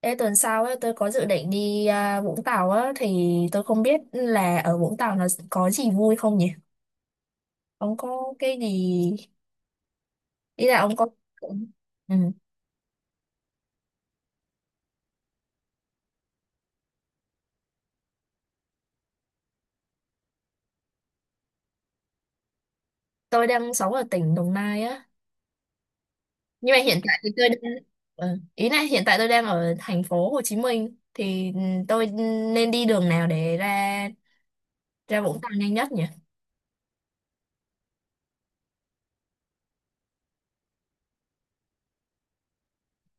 Ê, tuần sau ấy, tôi có dự định đi Vũng Tàu á, thì tôi không biết là ở Vũng Tàu nó có gì vui không nhỉ? Ông có cái gì. Ý là ông có. Ừ. Tôi đang sống ở tỉnh Đồng Nai á. Nhưng mà hiện tại thì tôi đang. Ừ. Ý là hiện tại tôi đang ở thành phố Hồ Chí Minh. Thì tôi nên đi đường nào để ra ra Vũng Tàu nhanh nhất nhỉ?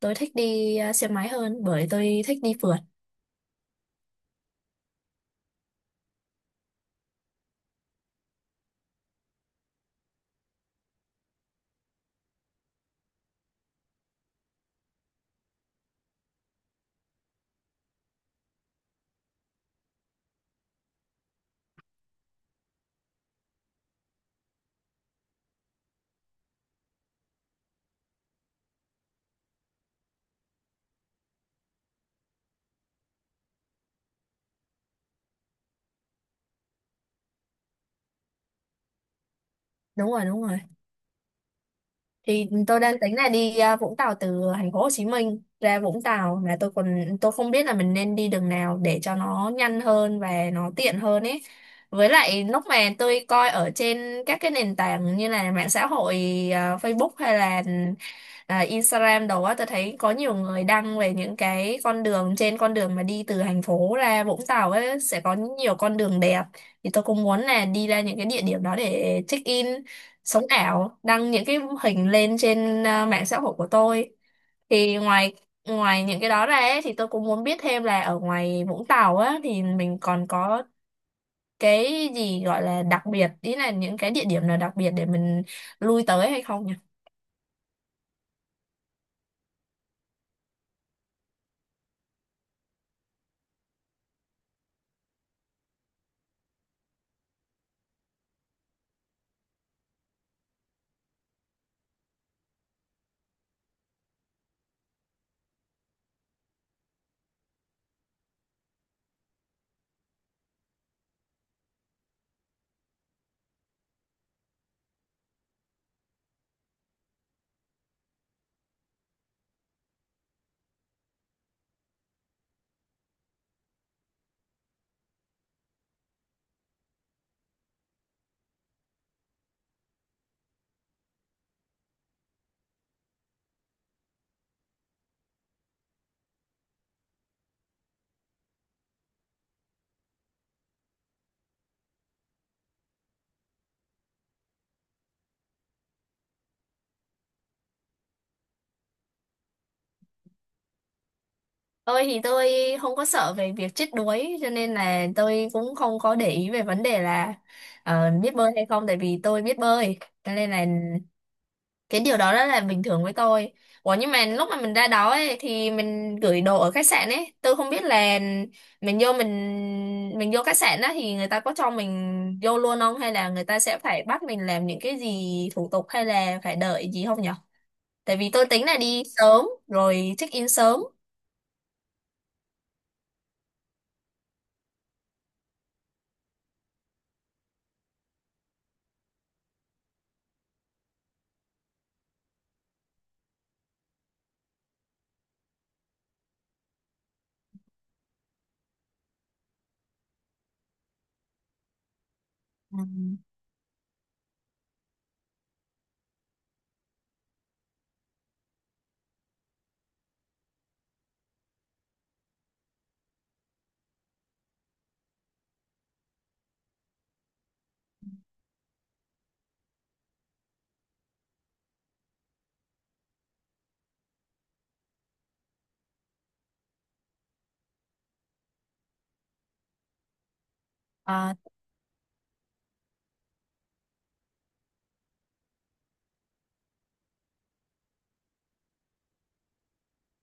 Tôi thích đi xe máy hơn bởi tôi thích đi phượt. Đúng rồi, đúng rồi. Thì tôi đang tính là đi Vũng Tàu, từ thành phố Hồ Chí Minh ra Vũng Tàu là tôi còn tôi không biết là mình nên đi đường nào để cho nó nhanh hơn và nó tiện hơn ấy. Với lại lúc mà tôi coi ở trên các cái nền tảng như là mạng xã hội, Facebook hay là Instagram đồ á, tôi thấy có nhiều người đăng về những cái con đường, trên con đường mà đi từ thành phố ra Vũng Tàu ấy sẽ có nhiều con đường đẹp, thì tôi cũng muốn là đi ra những cái địa điểm đó để check in, sống ảo, đăng những cái hình lên trên mạng xã hội của tôi. Thì ngoài ngoài những cái đó ra ấy, thì tôi cũng muốn biết thêm là ở ngoài Vũng Tàu á thì mình còn có cái gì gọi là đặc biệt, ý là những cái địa điểm nào đặc biệt để mình lui tới hay không nhỉ? Tôi thì tôi không có sợ về việc chết đuối, cho nên là tôi cũng không có để ý về vấn đề là biết bơi hay không, tại vì tôi biết bơi, cho nên là cái điều đó rất là bình thường với tôi. Ủa, nhưng mà lúc mà mình ra đó ấy, thì mình gửi đồ ở khách sạn ấy, tôi không biết là mình vô mình mình vô khách sạn đó thì người ta có cho mình vô luôn không, hay là người ta sẽ phải bắt mình làm những cái gì thủ tục hay là phải đợi gì không nhở? Tại vì tôi tính là đi sớm rồi check in sớm. Ừ. Ờ,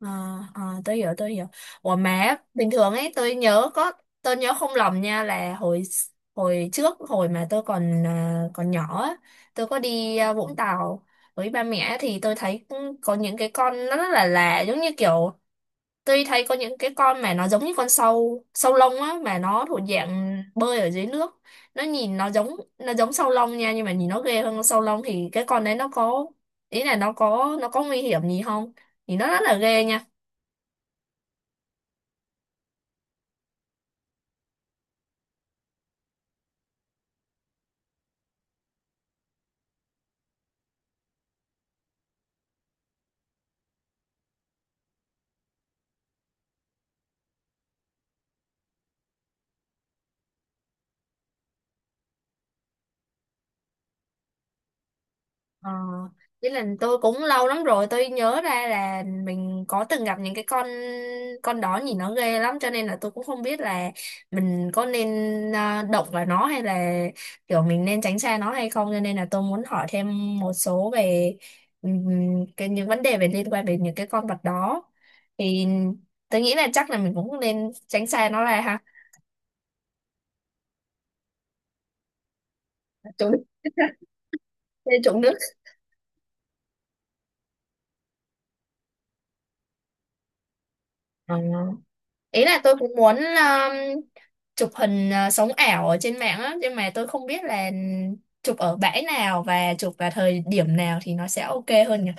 ờ tới giờ. Ủa mà bình thường ấy, tôi nhớ không lầm nha, là hồi hồi trước, hồi mà tôi còn còn nhỏ á, tôi có đi Vũng Tàu với ba mẹ, thì tôi thấy cũng có những cái con nó rất là lạ, giống như kiểu tôi thấy có những cái con mà nó giống như con sâu sâu lông á, mà nó thuộc dạng bơi ở dưới nước. Nó nhìn nó giống sâu lông nha, nhưng mà nhìn nó ghê hơn con sâu lông. Thì cái con đấy nó có, ý là nó có nguy hiểm gì không? Thì nó rất là ghê nha. Ờ, với lần tôi cũng lâu lắm rồi, tôi nhớ ra là mình có từng gặp những cái con đó nhìn nó ghê lắm, cho nên là tôi cũng không biết là mình có nên động vào nó hay là kiểu mình nên tránh xa nó hay không, cho nên là tôi muốn hỏi thêm một số về cái những vấn đề về liên quan đến những cái con vật đó. Thì tôi nghĩ là chắc là mình cũng nên tránh xa nó ra ha. Trốn- Nên trộm nước. Ờ. Ý là tôi cũng muốn chụp hình, sống ảo ở trên mạng á, nhưng mà tôi không biết là chụp ở bãi nào và chụp vào thời điểm nào thì nó sẽ ok hơn nhỉ?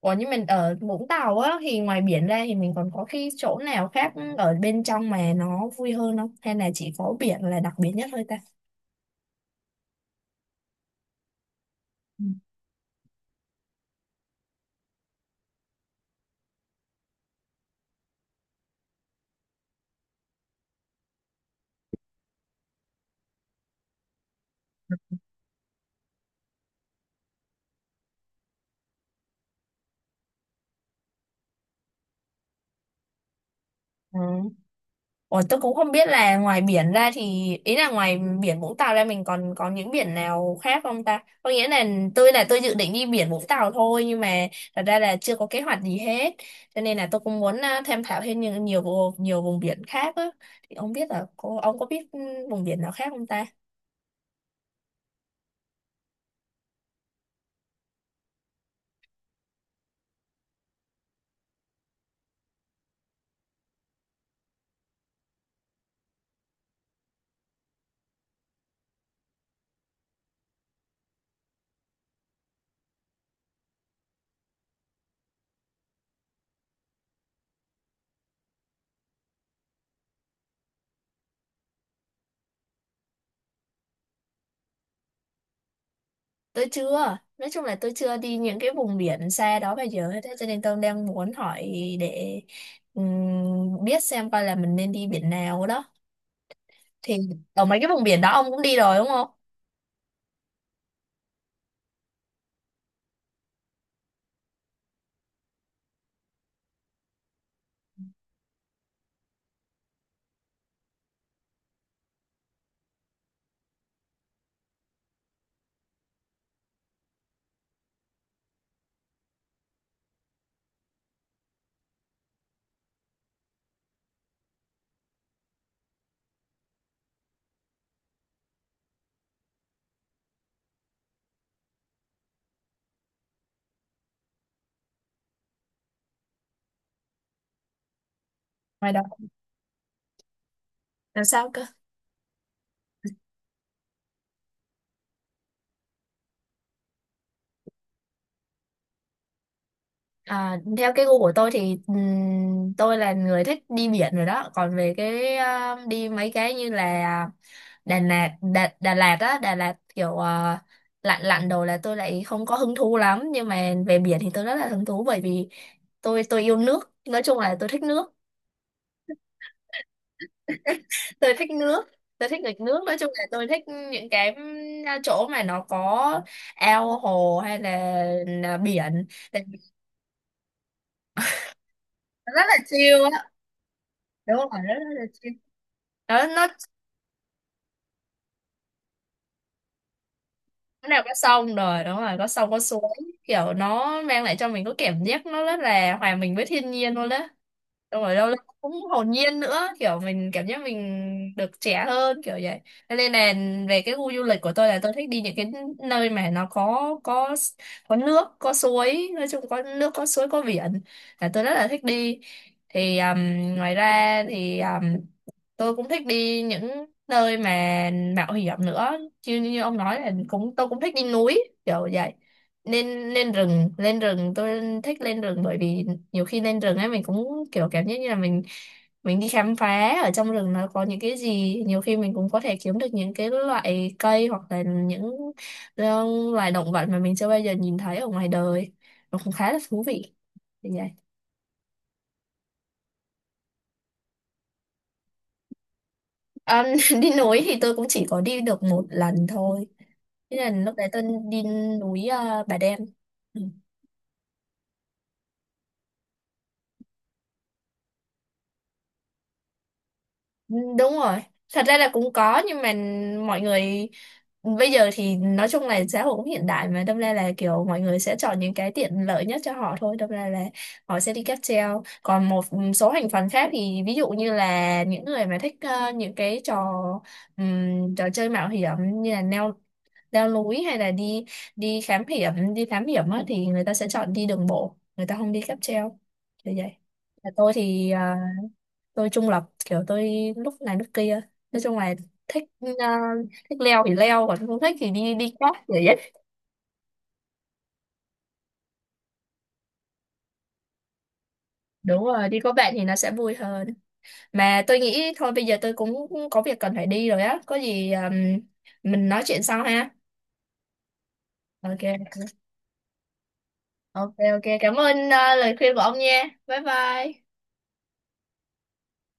Ủa nhưng mình ở Vũng Tàu á thì ngoài biển ra thì mình còn có cái chỗ nào khác ở bên trong mà nó vui hơn không, hay là chỉ có biển là đặc biệt nhất thôi ta? Ừ. Ừ. Ủa, tôi cũng không biết là ngoài biển ra thì, ý là ngoài biển Vũng Tàu ra mình còn có những biển nào khác không ta? Có nghĩa là tôi dự định đi biển Vũng Tàu thôi, nhưng mà thật ra là chưa có kế hoạch gì hết. Cho nên là tôi cũng muốn tham khảo thêm nhiều nhiều nhiều vùng biển khác á. Thì không biết là ông có biết vùng biển nào khác không ta? Tôi chưa. Nói chung là tôi chưa đi những cái vùng biển xa đó bao giờ hết á. Cho nên tôi đang muốn hỏi để biết xem coi là mình nên đi biển nào đó. Thì ở mấy cái vùng biển đó ông cũng đi rồi đúng không? Ngoài đó. Làm sao cơ? À, theo cái gu của tôi thì tôi là người thích đi biển rồi đó, còn về cái đi mấy cái như là Đà Lạt Đà, Đà Lạt á Đà Lạt kiểu lặn lặn đồ là tôi lại không có hứng thú lắm, nhưng mà về biển thì tôi rất là hứng thú, bởi vì tôi yêu nước, nói chung là tôi thích nước. Tôi thích nước, tôi thích nghịch nước, nói chung là tôi thích những cái chỗ mà nó có ao hồ hay là biển, tại vì nó rất là chill á. Đúng rồi, rất, rất là chill. Nó Cái nào có sông, rồi đúng rồi, có sông có suối, kiểu nó mang lại cho mình có cảm giác nó rất là hòa mình với thiên nhiên luôn đó. Đúng rồi đâu, cũng hồn nhiên nữa, kiểu mình cảm giác mình được trẻ hơn kiểu vậy. Cho nên là về cái gu du lịch của tôi là tôi thích đi những cái nơi mà nó có nước có suối, nói chung có nước có suối có biển là tôi rất là thích đi. Thì ngoài ra thì tôi cũng thích đi những nơi mà mạo hiểm nữa, chứ như ông nói là cũng tôi cũng thích đi núi kiểu vậy, nên lên rừng tôi thích lên rừng, bởi vì nhiều khi lên rừng ấy mình cũng kiểu cảm giác như là mình đi khám phá ở trong rừng, nó có những cái gì nhiều khi mình cũng có thể kiếm được những cái loại cây hoặc là những ờ, loài động vật mà mình chưa bao giờ nhìn thấy ở ngoài đời, nó cũng khá là thú vị như vậy. Ờ, đi núi thì tôi cũng chỉ có đi được một lần thôi. Thế là lúc đấy tôi đi núi Bà Đen. Ừ. Đúng rồi, thật ra là cũng có nhưng mà mọi người bây giờ thì nói chung là xã hội cũng hiện đại, mà đâm ra là kiểu mọi người sẽ chọn những cái tiện lợi nhất cho họ thôi, đâm ra là họ sẽ đi cáp treo, còn một số thành phần khác thì ví dụ như là những người mà thích những cái trò trò chơi mạo hiểm, như là leo leo núi, hay là đi đi khám hiểm đi thám hiểm á, thì người ta sẽ chọn đi đường bộ, người ta không đi cáp treo như vậy. Và tôi thì tôi trung lập, kiểu tôi lúc này lúc kia, nói chung là thích ờ, thích leo thì leo, còn không thích thì đi đi cót vậy ấy. Đúng rồi, đi có bạn thì nó sẽ vui hơn. Mà tôi nghĩ thôi bây giờ tôi cũng có việc cần phải đi rồi á, có gì mình nói chuyện sau ha. OK. OK, OK, cảm ơn lời khuyên của ông nha, bye bye.